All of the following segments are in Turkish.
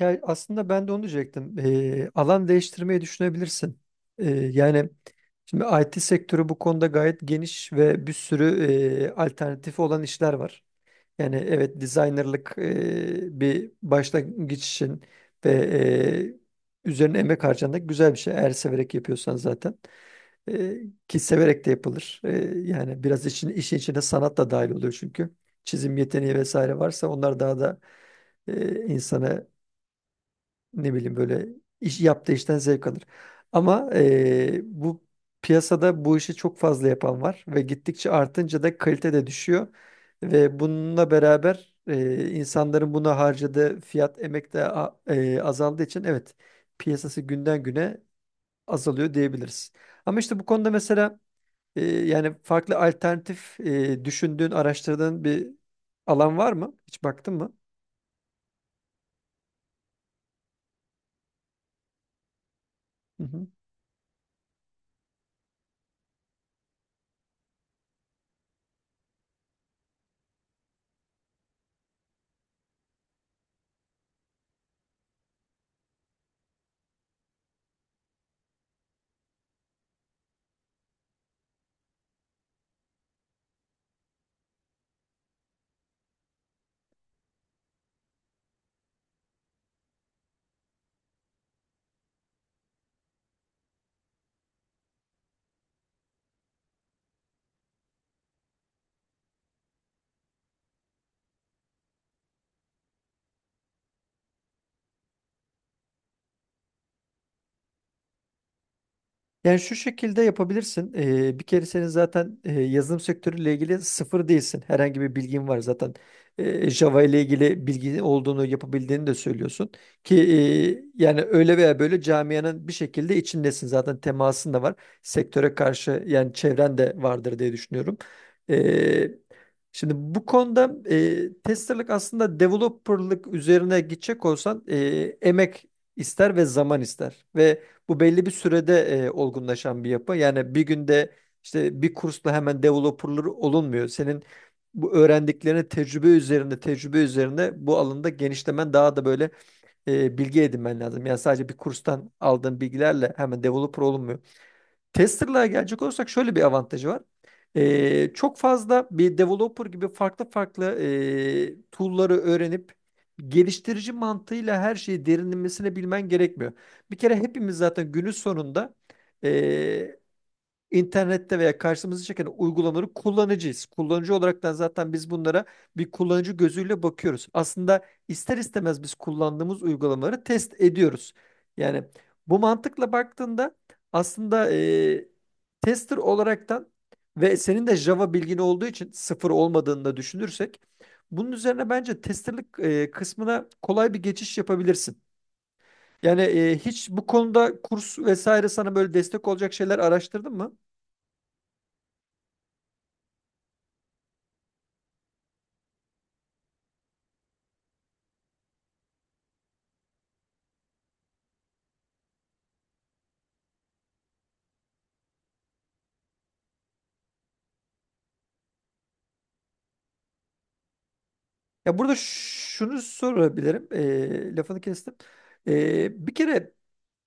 Ya aslında ben de onu diyecektim. Alan değiştirmeyi düşünebilirsin. Yani şimdi IT sektörü bu konuda gayet geniş ve bir sürü alternatifi olan işler var. Yani evet designerlık bir başlangıç için ve üzerine emek harcanacak güzel bir şey. Eğer severek yapıyorsan zaten. Ee, ki severek de yapılır. Yani biraz işin içine sanat da dahil oluyor çünkü. Çizim yeteneği vesaire varsa onlar daha da insana ne bileyim böyle iş yaptığı işten zevk alır. Ama bu piyasada bu işi çok fazla yapan var ve gittikçe artınca da kalite de düşüyor ve bununla beraber insanların buna harcadığı fiyat emek de azaldığı için evet piyasası günden güne azalıyor diyebiliriz. Ama işte bu konuda mesela yani farklı alternatif düşündüğün, araştırdığın bir alan var mı? Hiç baktın mı? Yani şu şekilde yapabilirsin. Bir kere senin zaten yazılım sektörüyle ilgili sıfır değilsin. Herhangi bir bilgin var zaten. Java ile ilgili bilgi olduğunu yapabildiğini de söylüyorsun. Ki yani öyle veya böyle camianın bir şekilde içindesin. Zaten temasın da var. Sektöre karşı yani çevren de vardır diye düşünüyorum. Ee, şimdi bu konuda testerlık aslında developerlık üzerine gidecek olsan emek ister ve zaman ister. Ve bu belli bir sürede olgunlaşan bir yapı. Yani bir günde işte bir kursla hemen developer'ları olunmuyor. Senin bu öğrendiklerini tecrübe üzerinde bu alanda genişlemen daha da böyle bilgi edinmen lazım. Yani sadece bir kurstan aldığın bilgilerle hemen developer olunmuyor. Tester'lığa gelecek olursak şöyle bir avantajı var. Çok fazla bir developer gibi farklı farklı tool'ları öğrenip geliştirici mantığıyla her şeyi derinlemesine bilmen gerekmiyor. Bir kere hepimiz zaten günün sonunda İnternette veya karşımıza çeken uygulamaları kullanıcıyız. Kullanıcı olaraktan zaten biz bunlara bir kullanıcı gözüyle bakıyoruz. Aslında ister istemez biz kullandığımız uygulamaları test ediyoruz. Yani bu mantıkla baktığında aslında tester olaraktan ve senin de Java bilgin olduğu için sıfır olmadığını da düşünürsek bunun üzerine bence testerlik kısmına kolay bir geçiş yapabilirsin. Yani hiç bu konuda kurs vesaire sana böyle destek olacak şeyler araştırdın mı? Ya burada şunu sorabilirim. Lafını kestim. Bir kere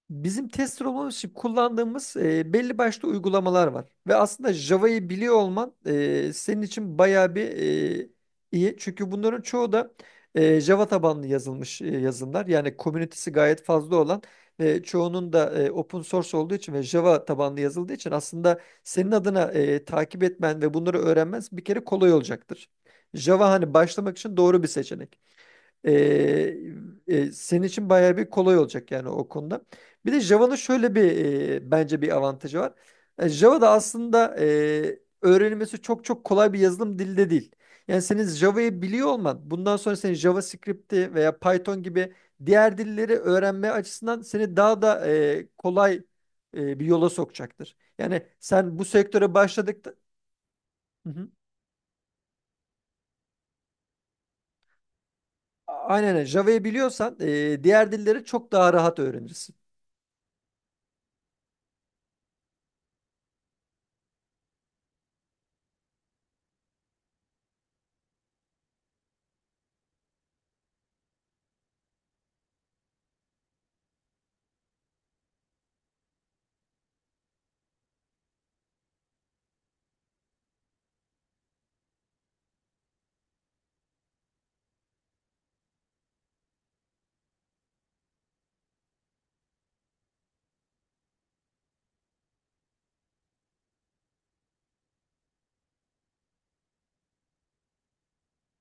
bizim tester olmamız için kullandığımız belli başlı uygulamalar var. Ve aslında Java'yı biliyor olman senin için bayağı bir e, iyi. Çünkü bunların çoğu da Java tabanlı yazılmış yazılımlar. Yani komünitesi gayet fazla olan ve çoğunun da open source olduğu için ve Java tabanlı yazıldığı için aslında senin adına takip etmen ve bunları öğrenmen bir kere kolay olacaktır. Java hani başlamak için doğru bir seçenek. Ee, senin için bayağı bir kolay olacak yani o konuda. Bir de Java'nın şöyle bir bence bir avantajı var. Java da aslında öğrenilmesi çok çok kolay bir yazılım dili de değil. Yani senin Java'yı biliyor olman bundan sonra senin JavaScript'i veya Python gibi diğer dilleri öğrenme açısından seni daha da kolay bir yola sokacaktır. Yani sen bu sektöre başladıkta. Hı hı. Aynen öyle. Java'yı biliyorsan diğer dilleri çok daha rahat öğrenirsin.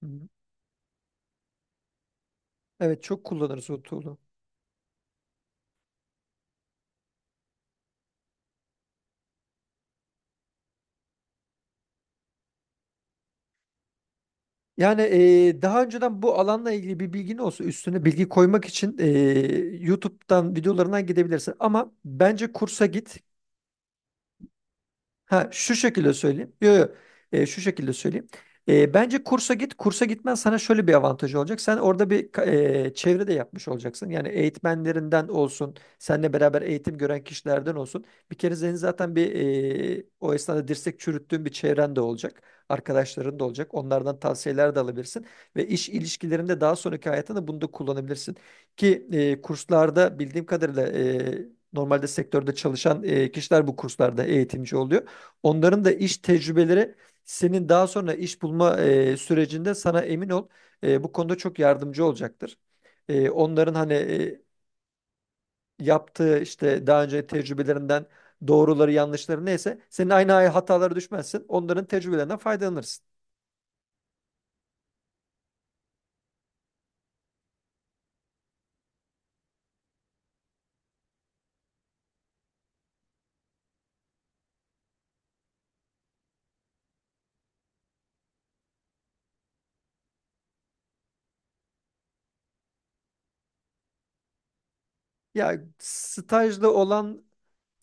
Hı hı. Evet, çok kullanırız o tool'u. Yani daha önceden bu alanla ilgili bir bilgin olsa üstüne bilgi koymak için YouTube'dan videolarından gidebilirsin. Ama bence kursa git. Ha, şu şekilde söyleyeyim. Yo, yo. Şu şekilde söyleyeyim. Bence kursa git. Kursa gitmen sana şöyle bir avantajı olacak. Sen orada bir çevre de yapmış olacaksın. Yani eğitmenlerinden olsun, seninle beraber eğitim gören kişilerden olsun. Bir kere senin zaten bir o esnada dirsek çürüttüğün bir çevren de olacak. Arkadaşların da olacak. Onlardan tavsiyeler de alabilirsin. Ve iş ilişkilerinde daha sonraki hayatında bunu da kullanabilirsin. Ki kurslarda bildiğim kadarıyla normalde sektörde çalışan kişiler bu kurslarda eğitimci oluyor. Onların da iş tecrübeleri senin daha sonra iş bulma sürecinde sana emin ol bu konuda çok yardımcı olacaktır. Onların hani yaptığı işte daha önce tecrübelerinden doğruları yanlışları neyse senin aynı hatalara düşmezsin. Onların tecrübelerinden faydalanırsın. Ya stajda olan.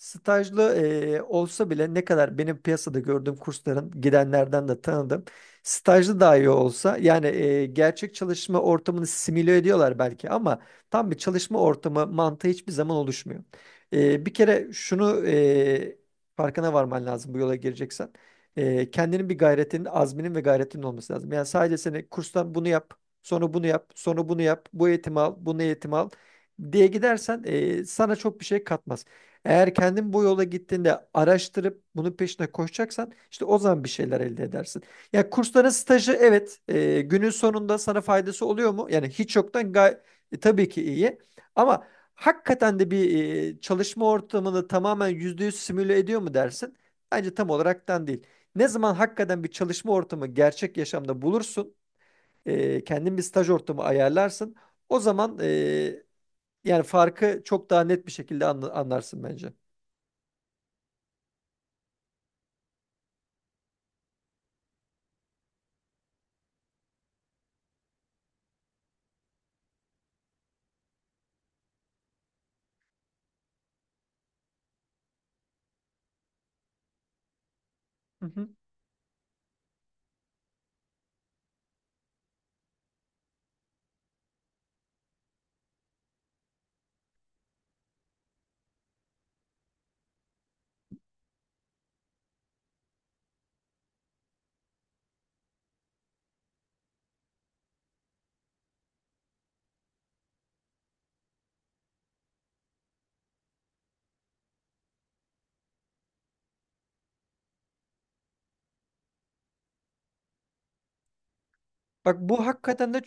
Stajlı, olsa bile ne kadar benim piyasada gördüğüm kursların gidenlerden de tanıdım. Stajlı dahi olsa yani gerçek çalışma ortamını simüle ediyorlar belki ama tam bir çalışma ortamı mantığı hiçbir zaman oluşmuyor. Bir kere şunu farkına varman lazım bu yola gireceksen. Kendinin bir gayretinin, azminin ve gayretinin olması lazım. Yani sadece seni kurstan bunu yap, sonra bunu yap, sonra bunu yap, bu eğitimi al, bunu eğitim al diye gidersen sana çok bir şey katmaz. Eğer kendin bu yola gittiğinde araştırıp bunun peşine koşacaksan işte o zaman bir şeyler elde edersin. Ya kursların stajı evet, günün sonunda sana faydası oluyor mu? Yani hiç yoktan tabii ki iyi. Ama hakikaten de bir çalışma ortamını tamamen %100 simüle ediyor mu dersin? Bence tam olaraktan değil. Ne zaman hakikaten bir çalışma ortamı gerçek yaşamda bulursun, kendin bir staj ortamı ayarlarsın. O zaman yani farkı çok daha net bir şekilde anlarsın bence. Hı hı. Bak, bu hakikaten de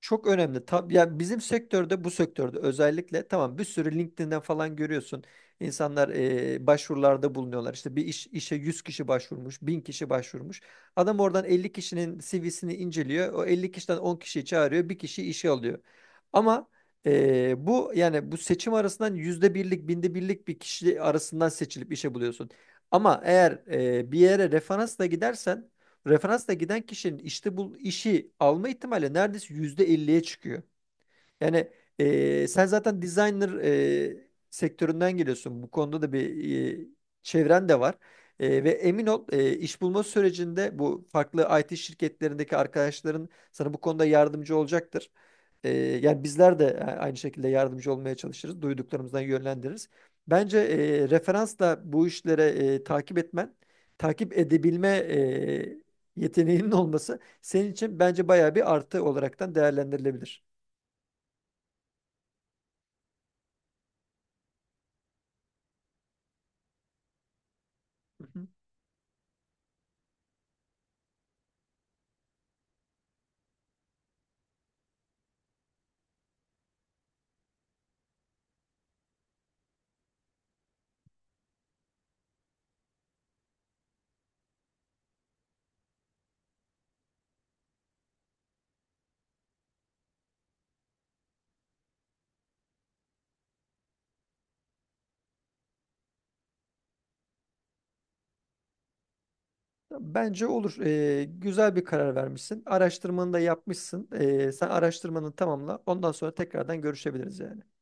çok önemli. Ya bizim sektörde bu sektörde özellikle tamam, bir sürü LinkedIn'den falan görüyorsun. İnsanlar başvurularda bulunuyorlar. İşte işe 100 kişi başvurmuş, 1000 kişi başvurmuş. Adam oradan 50 kişinin CV'sini inceliyor. O 50 kişiden 10 kişiyi çağırıyor, bir kişi işe alıyor. Ama bu yani bu seçim arasından yüzde birlik, binde birlik bir kişi arasından seçilip işe buluyorsun. Ama eğer bir yere referansla gidersen referansla giden kişinin işte bu işi alma ihtimali neredeyse yüzde elliye çıkıyor. Yani sen zaten designer sektöründen geliyorsun. Bu konuda da bir çevren de var. Ve emin ol iş bulma sürecinde bu farklı IT şirketlerindeki arkadaşların sana bu konuda yardımcı olacaktır. Ee, yani bizler de aynı şekilde yardımcı olmaya çalışırız. Duyduklarımızdan yönlendiririz. Bence referansla bu işlere takip etmen, takip edebilme yeteneğinin olması senin için bence bayağı bir artı olaraktan değerlendirilebilir. Hı hı. Bence olur. Güzel bir karar vermişsin. Araştırmanı da yapmışsın. Sen araştırmanı tamamla. Ondan sonra tekrardan görüşebiliriz yani.